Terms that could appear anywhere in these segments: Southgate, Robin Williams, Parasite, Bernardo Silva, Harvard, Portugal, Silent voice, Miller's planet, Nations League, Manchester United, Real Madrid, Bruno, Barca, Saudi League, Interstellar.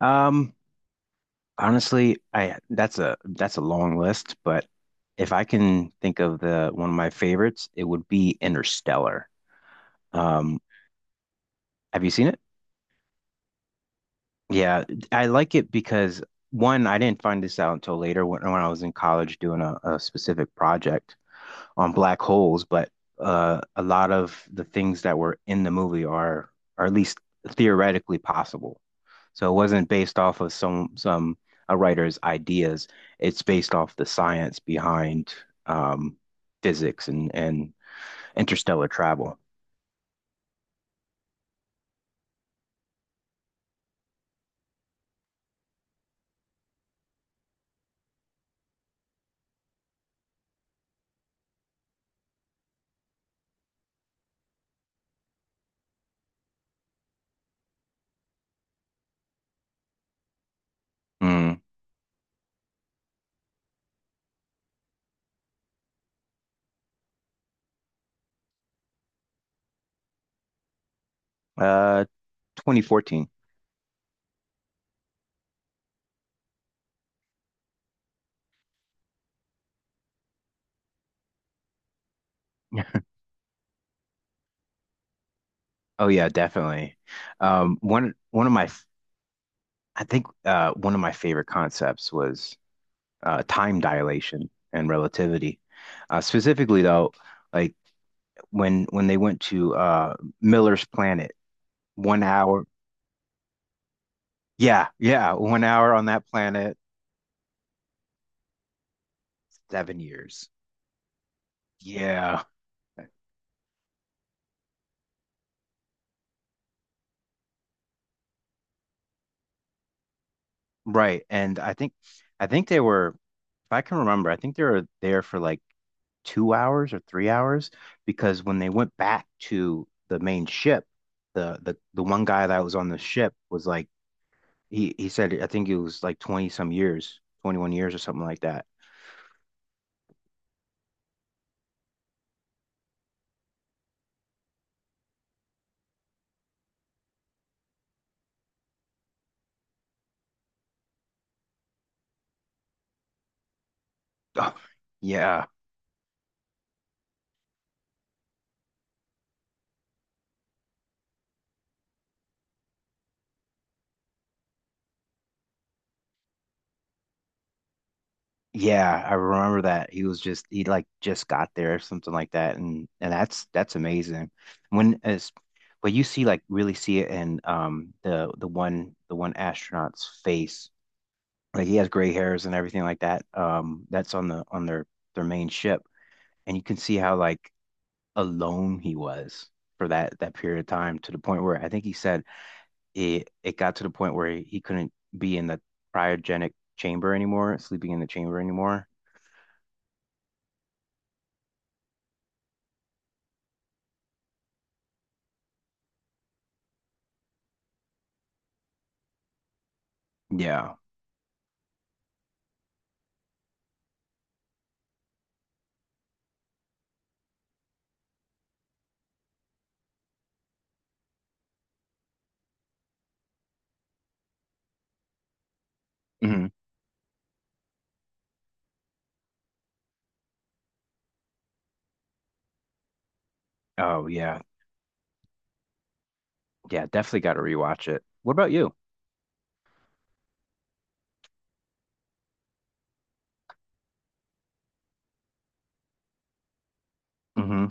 Um, honestly, I that's a long list, but if I can think of the one of my favorites, it would be Interstellar. Um, have you seen it? Yeah, I like it because one, I didn't find this out until later when I was in college doing a specific project on black holes, but a lot of the things that were in the movie are at least theoretically possible. So it wasn't based off of some a writer's ideas. It's based off the science behind um, physics and interstellar travel. Mm. Uh, 2014. Oh yeah, definitely. One one of my f- I think one of my favorite concepts was time dilation and relativity. Specifically though, like when they went to Miller's planet, 1 hour. Yeah, yeah, 1 hour on that planet, 7 years. Yeah, right. I think they were, if I can remember, I think they were there for like 2 hours or 3 hours because when they went back to the main ship, the one guy that was on the ship was like he said I think it was like 20 some years, 21 years or something like that. Oh, yeah. Yeah, I remember that. He was just he like just got there or something like that and that's amazing. When as but you see like really see it in the one astronaut's face. Like he has gray hairs and everything like that. That's on the on their main ship and you can see how like alone he was for that period of time to the point where I think he said it got to the point where he couldn't be in the cryogenic chamber anymore, sleeping in the chamber anymore. Yeah. Mhm. Oh yeah. Yeah, definitely got to rewatch it. What about you? Hmm.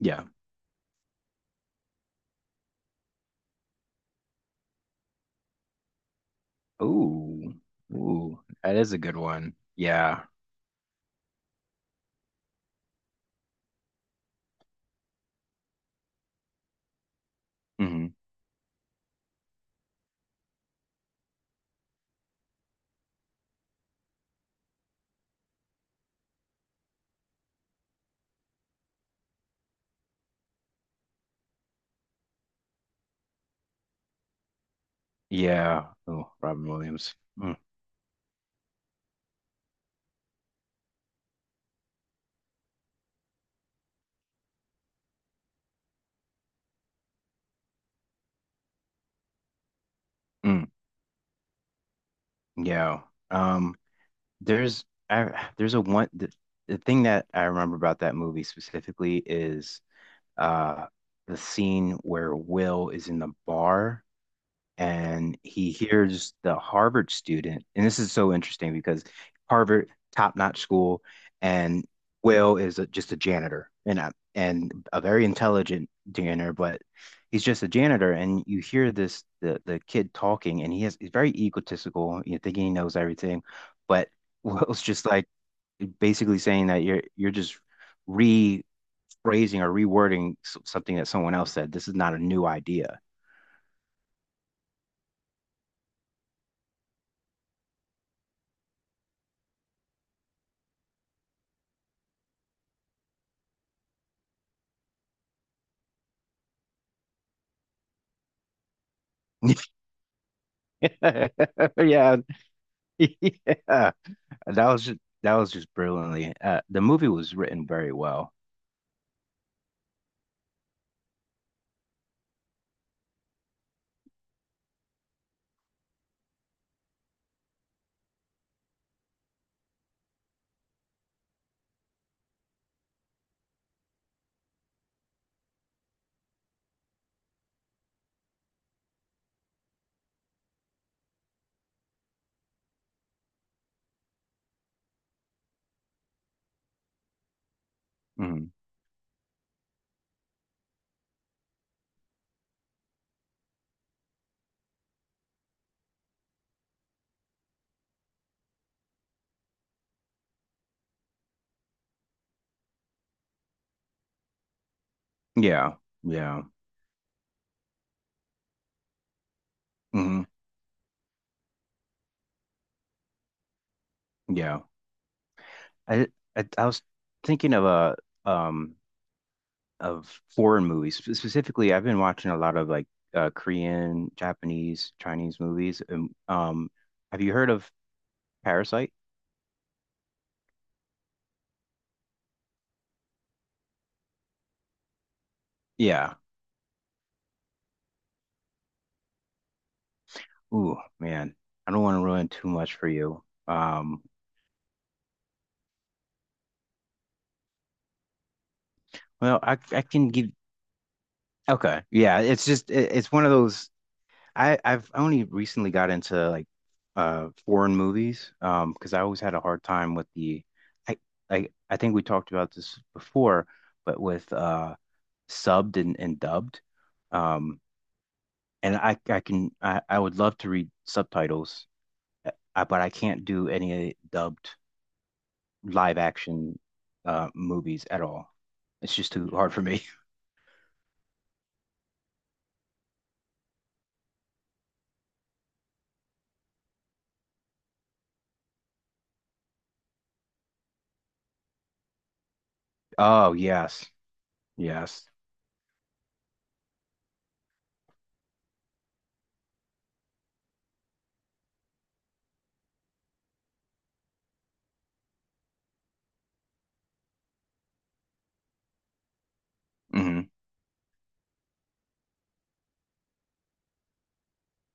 Yeah. Ooh. Ooh, that is a good one. Yeah. Hmm. Yeah. Oh, Robin Williams. Mm. Mm. Yeah. Um, there's the thing that I remember about that movie specifically is uh the scene where Will is in the bar and he hears the Harvard student, and this is so interesting because Harvard, top-notch school, and Will is a, just a janitor and and a very intelligent janitor, but he's just a janitor. And you hear this the kid talking, and he's very egotistical, you know, thinking he knows everything, but Will's just like basically saying that you're just rephrasing or rewording something that someone else said. This is not a new idea. Yeah, yeah. That was just brilliantly. The movie was written very well. Hmm. Yeah, yeah, hmm, yeah. I, I was thinking of a um of foreign movies specifically. I've been watching a lot of like Korean, Japanese, Chinese movies. Have you heard of Parasite? Yeah. Ooh, man, I don't want to ruin too much for you. Um, well, I can give. Okay, yeah, it's just it's one of those. I've only recently got into like foreign movies because I always had a hard time with the I I think we talked about this before, but with subbed and dubbed, um, and I can I would love to read subtitles, but I can't do any dubbed live action movies at all. It's just too hard for me. Oh, yes. Yes. Hmm.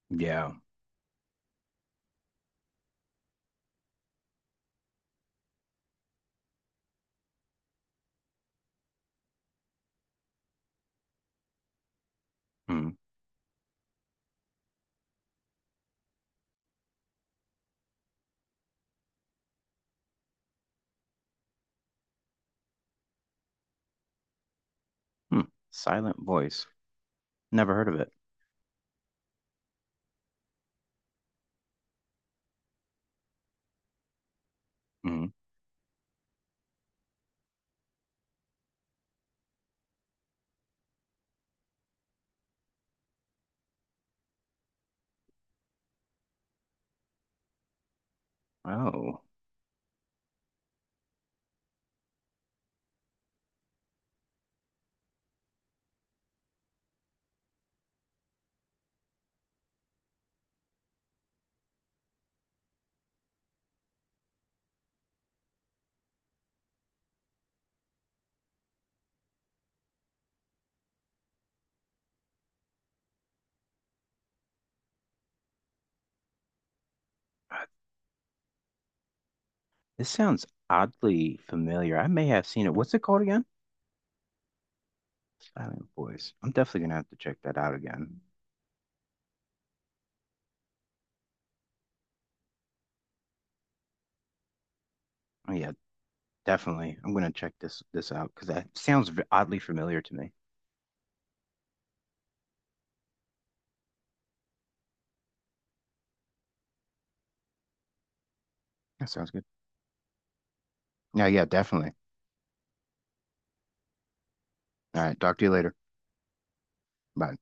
Yeah. Mm. Hmm. Silent voice. Never heard of it. Hmm. Oh, this sounds oddly familiar. I may have seen it. What's it called again? Silent voice. I'm definitely gonna have to check that out again. Oh yeah, definitely. I'm gonna check this out because that sounds oddly familiar to me. That sounds good. Yeah, yeah, definitely. All right, talk to you later. Bye.